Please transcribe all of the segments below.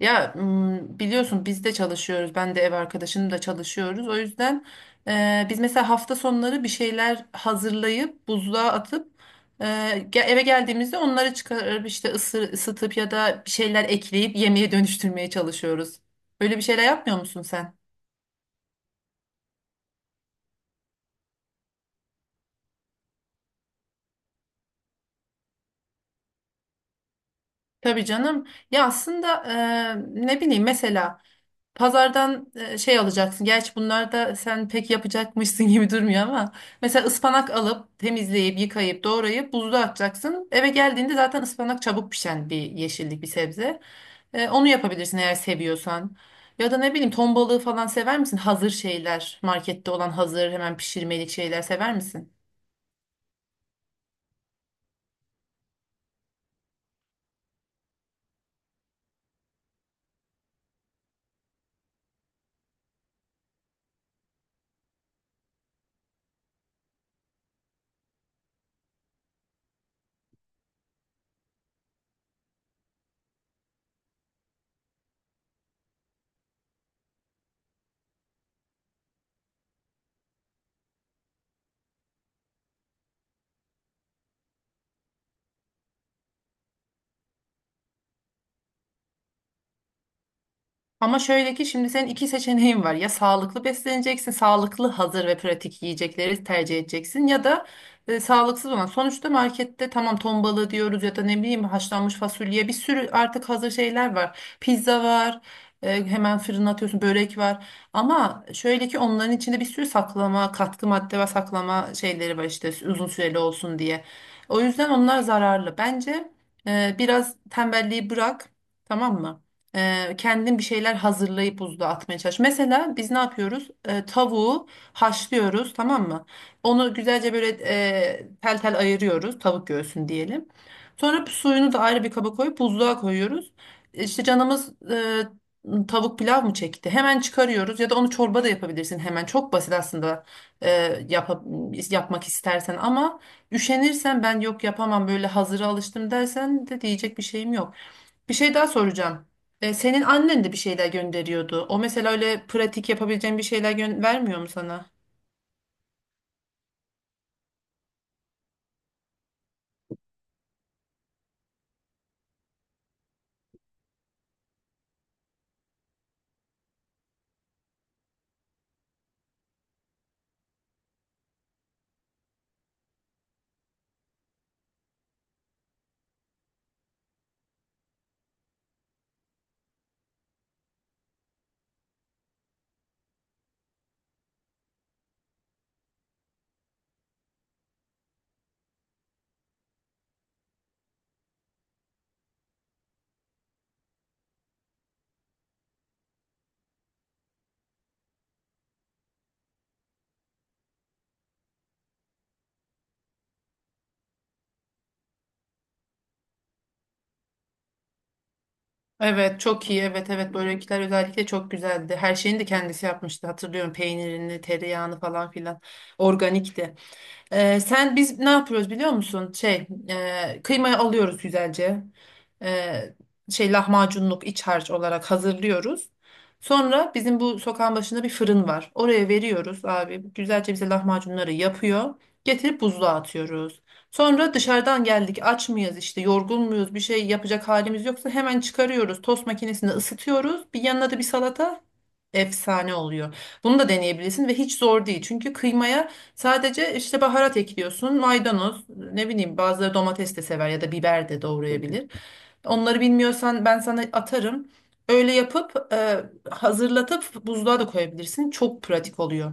Biliyorsun biz de çalışıyoruz. Ben de ev arkadaşım da çalışıyoruz. O yüzden biz mesela hafta sonları bir şeyler hazırlayıp buzluğa atıp e, eve geldiğimizde onları çıkarıp işte ısıtıp ya da bir şeyler ekleyip yemeğe dönüştürmeye çalışıyoruz. Böyle bir şeyler yapmıyor musun sen? Tabii canım. Ya aslında ne bileyim mesela pazardan şey alacaksın. Gerçi bunlar da sen pek yapacakmışsın gibi durmuyor ama mesela ıspanak alıp temizleyip yıkayıp doğrayıp buzluğa atacaksın. Eve geldiğinde zaten ıspanak çabuk pişen bir yeşillik bir sebze. Onu yapabilirsin eğer seviyorsan. Ya da ne bileyim ton balığı falan sever misin? Hazır şeyler, markette olan hazır hemen pişirmelik şeyler sever misin? Ama şöyle ki şimdi senin iki seçeneğin var. Ya sağlıklı besleneceksin, sağlıklı hazır ve pratik yiyecekleri tercih edeceksin ya da sağlıksız olan. Sonuçta markette tamam ton balığı diyoruz ya da ne bileyim haşlanmış fasulye bir sürü artık hazır şeyler var. Pizza var. Hemen fırına atıyorsun börek var ama şöyle ki onların içinde bir sürü saklama katkı madde ve saklama şeyleri var işte uzun süreli olsun diye o yüzden onlar zararlı bence. Biraz tembelliği bırak, tamam mı? Kendin bir şeyler hazırlayıp buzluğa atmaya çalış. Mesela biz ne yapıyoruz? Tavuğu haşlıyoruz, tamam mı? Onu güzelce böyle tel tel ayırıyoruz, tavuk göğsünü diyelim. Sonra suyunu da ayrı bir kaba koyup buzluğa koyuyoruz. İşte canımız tavuk pilav mı çekti? Hemen çıkarıyoruz ya da onu çorba da yapabilirsin hemen. Çok basit aslında e, yapa- yapmak istersen ama üşenirsen ben yok yapamam böyle hazıra alıştım dersen de diyecek bir şeyim yok. Bir şey daha soracağım. Senin annen de bir şeyler gönderiyordu. O mesela öyle pratik yapabileceğin bir şeyler vermiyor mu sana? Evet, çok iyi. Evet, evet. Börekler özellikle çok güzeldi. Her şeyini de kendisi yapmıştı. Hatırlıyorum peynirini, tereyağını falan filan. Organikti. Sen biz ne yapıyoruz biliyor musun? Kıymayı alıyoruz güzelce. Ee, Lahmacunluk iç harç olarak hazırlıyoruz. Sonra bizim bu sokağın başında bir fırın var. Oraya veriyoruz abi. Güzelce bize lahmacunları yapıyor. Getirip buzluğa atıyoruz. Sonra dışarıdan geldik aç mıyız işte yorgun muyuz bir şey yapacak halimiz yoksa hemen çıkarıyoruz. Tost makinesinde ısıtıyoruz. Bir yanına da bir salata efsane oluyor. Bunu da deneyebilirsin ve hiç zor değil. Çünkü kıymaya sadece işte baharat ekliyorsun, maydanoz, ne bileyim bazıları domates de sever ya da biber de doğrayabilir. Onları bilmiyorsan ben sana atarım. Öyle yapıp hazırlatıp buzluğa da koyabilirsin. Çok pratik oluyor.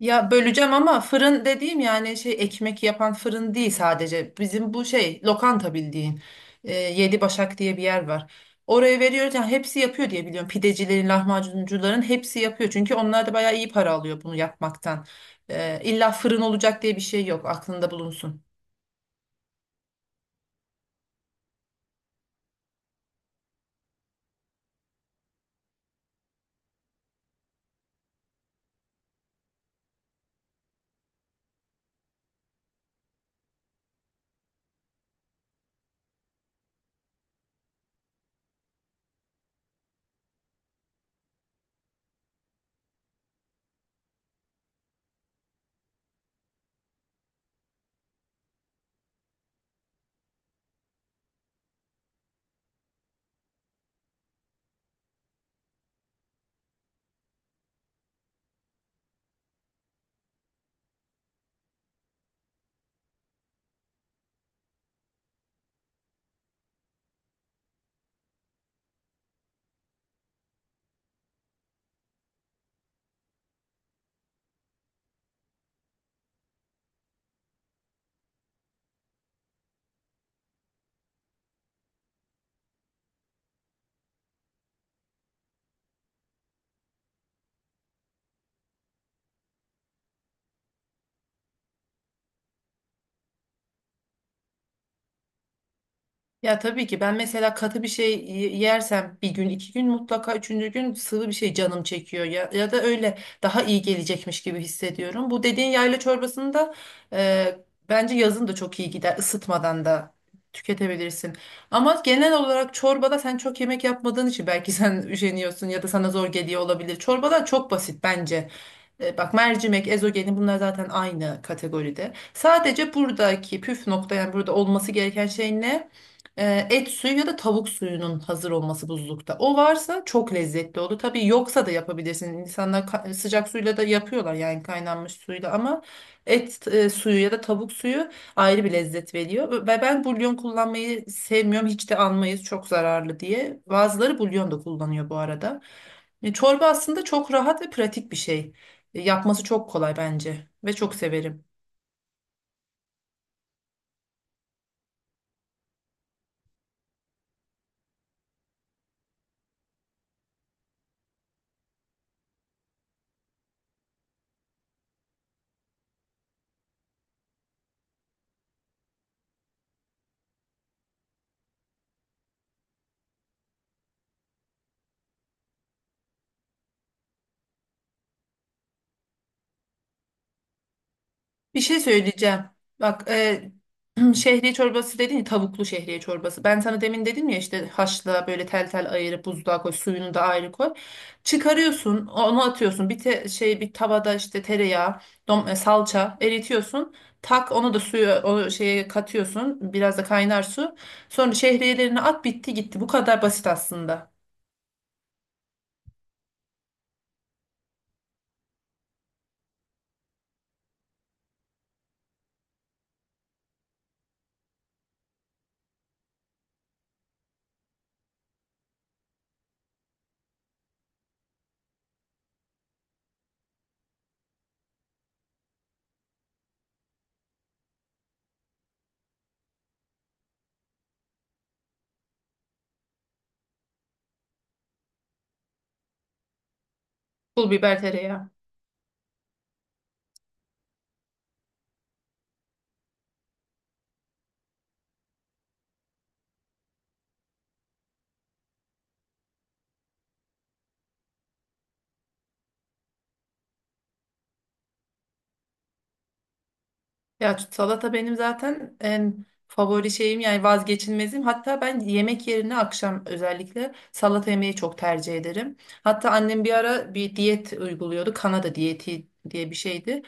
Ya böleceğim ama fırın dediğim yani şey ekmek yapan fırın değil sadece. Bizim bu şey lokanta bildiğin. Yedi Başak diye bir yer var. Oraya veriyoruz yani hepsi yapıyor diye biliyorum. Pidecilerin, lahmacuncuların hepsi yapıyor. Çünkü onlar da bayağı iyi para alıyor bunu yapmaktan. İlla fırın olacak diye bir şey yok aklında bulunsun. Ya tabii ki ben mesela katı bir şey yersem bir gün iki gün mutlaka üçüncü gün sıvı bir şey canım çekiyor ya ya da öyle daha iyi gelecekmiş gibi hissediyorum. Bu dediğin yayla çorbasını da e, bence yazın da çok iyi gider ısıtmadan da tüketebilirsin. Ama genel olarak çorbada sen çok yemek yapmadığın için belki sen üşeniyorsun ya da sana zor geliyor olabilir. Çorbalar çok basit bence. Bak mercimek, ezogelin bunlar zaten aynı kategoride. Sadece buradaki püf nokta yani burada olması gereken şey ne? Et suyu ya da tavuk suyunun hazır olması buzlukta. O varsa çok lezzetli olur. Tabii yoksa da yapabilirsin. İnsanlar sıcak suyla da yapıyorlar yani kaynanmış suyla ama et suyu ya da tavuk suyu ayrı bir lezzet veriyor. Ve ben bulyon kullanmayı sevmiyorum. Hiç de almayız çok zararlı diye. Bazıları bulyon da kullanıyor bu arada. Çorba aslında çok rahat ve pratik bir şey. Yapması çok kolay bence ve çok severim. Bir şey söyleyeceğim. Bak. Şehriye çorbası dedin ya tavuklu şehriye çorbası. Ben sana demin dedim ya işte haşla böyle tel tel ayırıp buzluğa koy suyunu da ayrı koy. Çıkarıyorsun onu atıyorsun bir bir tavada işte tereyağı salça eritiyorsun. Tak onu da suya o şeye katıyorsun biraz da kaynar su. Sonra şehriyelerini at bitti gitti bu kadar basit aslında. Pul biber tereyağı. Ya salata benim zaten en favori şeyim yani vazgeçilmezim. Hatta ben yemek yerine akşam özellikle salata yemeyi çok tercih ederim. Hatta annem bir ara bir diyet uyguluyordu. Kanada diyeti diye bir şeydi.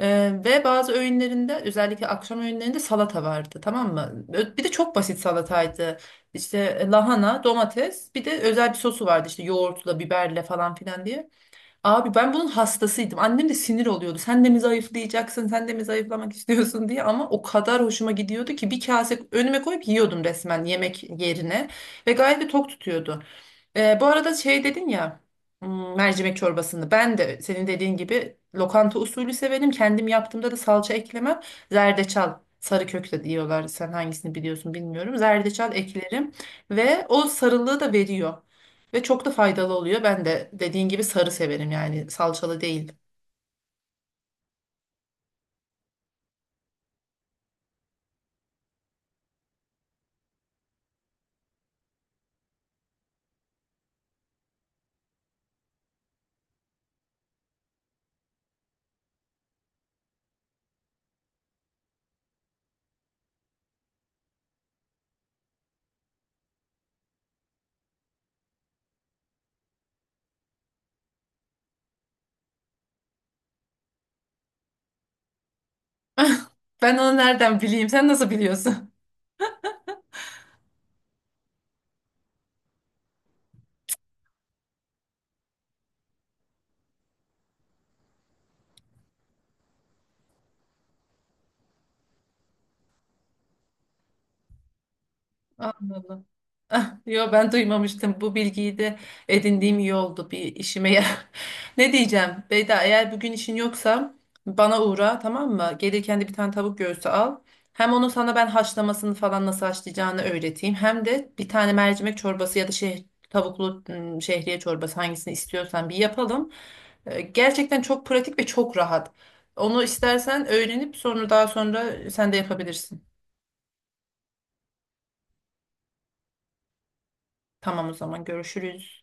Ve bazı öğünlerinde özellikle akşam öğünlerinde salata vardı tamam mı? Bir de çok basit salataydı. İşte lahana, domates bir de özel bir sosu vardı işte yoğurtla, biberle falan filan diye. Abi ben bunun hastasıydım. Annem de sinir oluyordu. Sen de mi zayıflayacaksın? Sen de mi zayıflamak istiyorsun diye. Ama o kadar hoşuma gidiyordu ki bir kase önüme koyup yiyordum resmen yemek yerine. Ve gayet de tok tutuyordu. Bu arada şey dedin ya mercimek çorbasını. Ben de senin dediğin gibi lokanta usulü severim. Kendim yaptığımda da salça eklemem. Zerdeçal. Sarı kök de diyorlar. Sen hangisini biliyorsun bilmiyorum. Zerdeçal eklerim ve o sarılığı da veriyor. Ve çok da faydalı oluyor. Ben de dediğin gibi sarı severim yani salçalı değil. Ben onu nereden bileyim? Sen nasıl biliyorsun? Anladım. Ah, yo ben duymamıştım. Bu bilgiyi de edindiğim iyi oldu. Bir işime yarar. Ne diyeceğim? Beyda eğer bugün işin yoksa bana uğra tamam mı? Gelirken de bir tane tavuk göğsü al. Hem onu sana ben haşlamasını falan nasıl haşlayacağını öğreteyim. Hem de bir tane mercimek çorbası ya da tavuklu şehriye çorbası hangisini istiyorsan bir yapalım. Gerçekten çok pratik ve çok rahat. Onu istersen öğrenip sonra daha sonra sen de yapabilirsin. Tamam o zaman görüşürüz.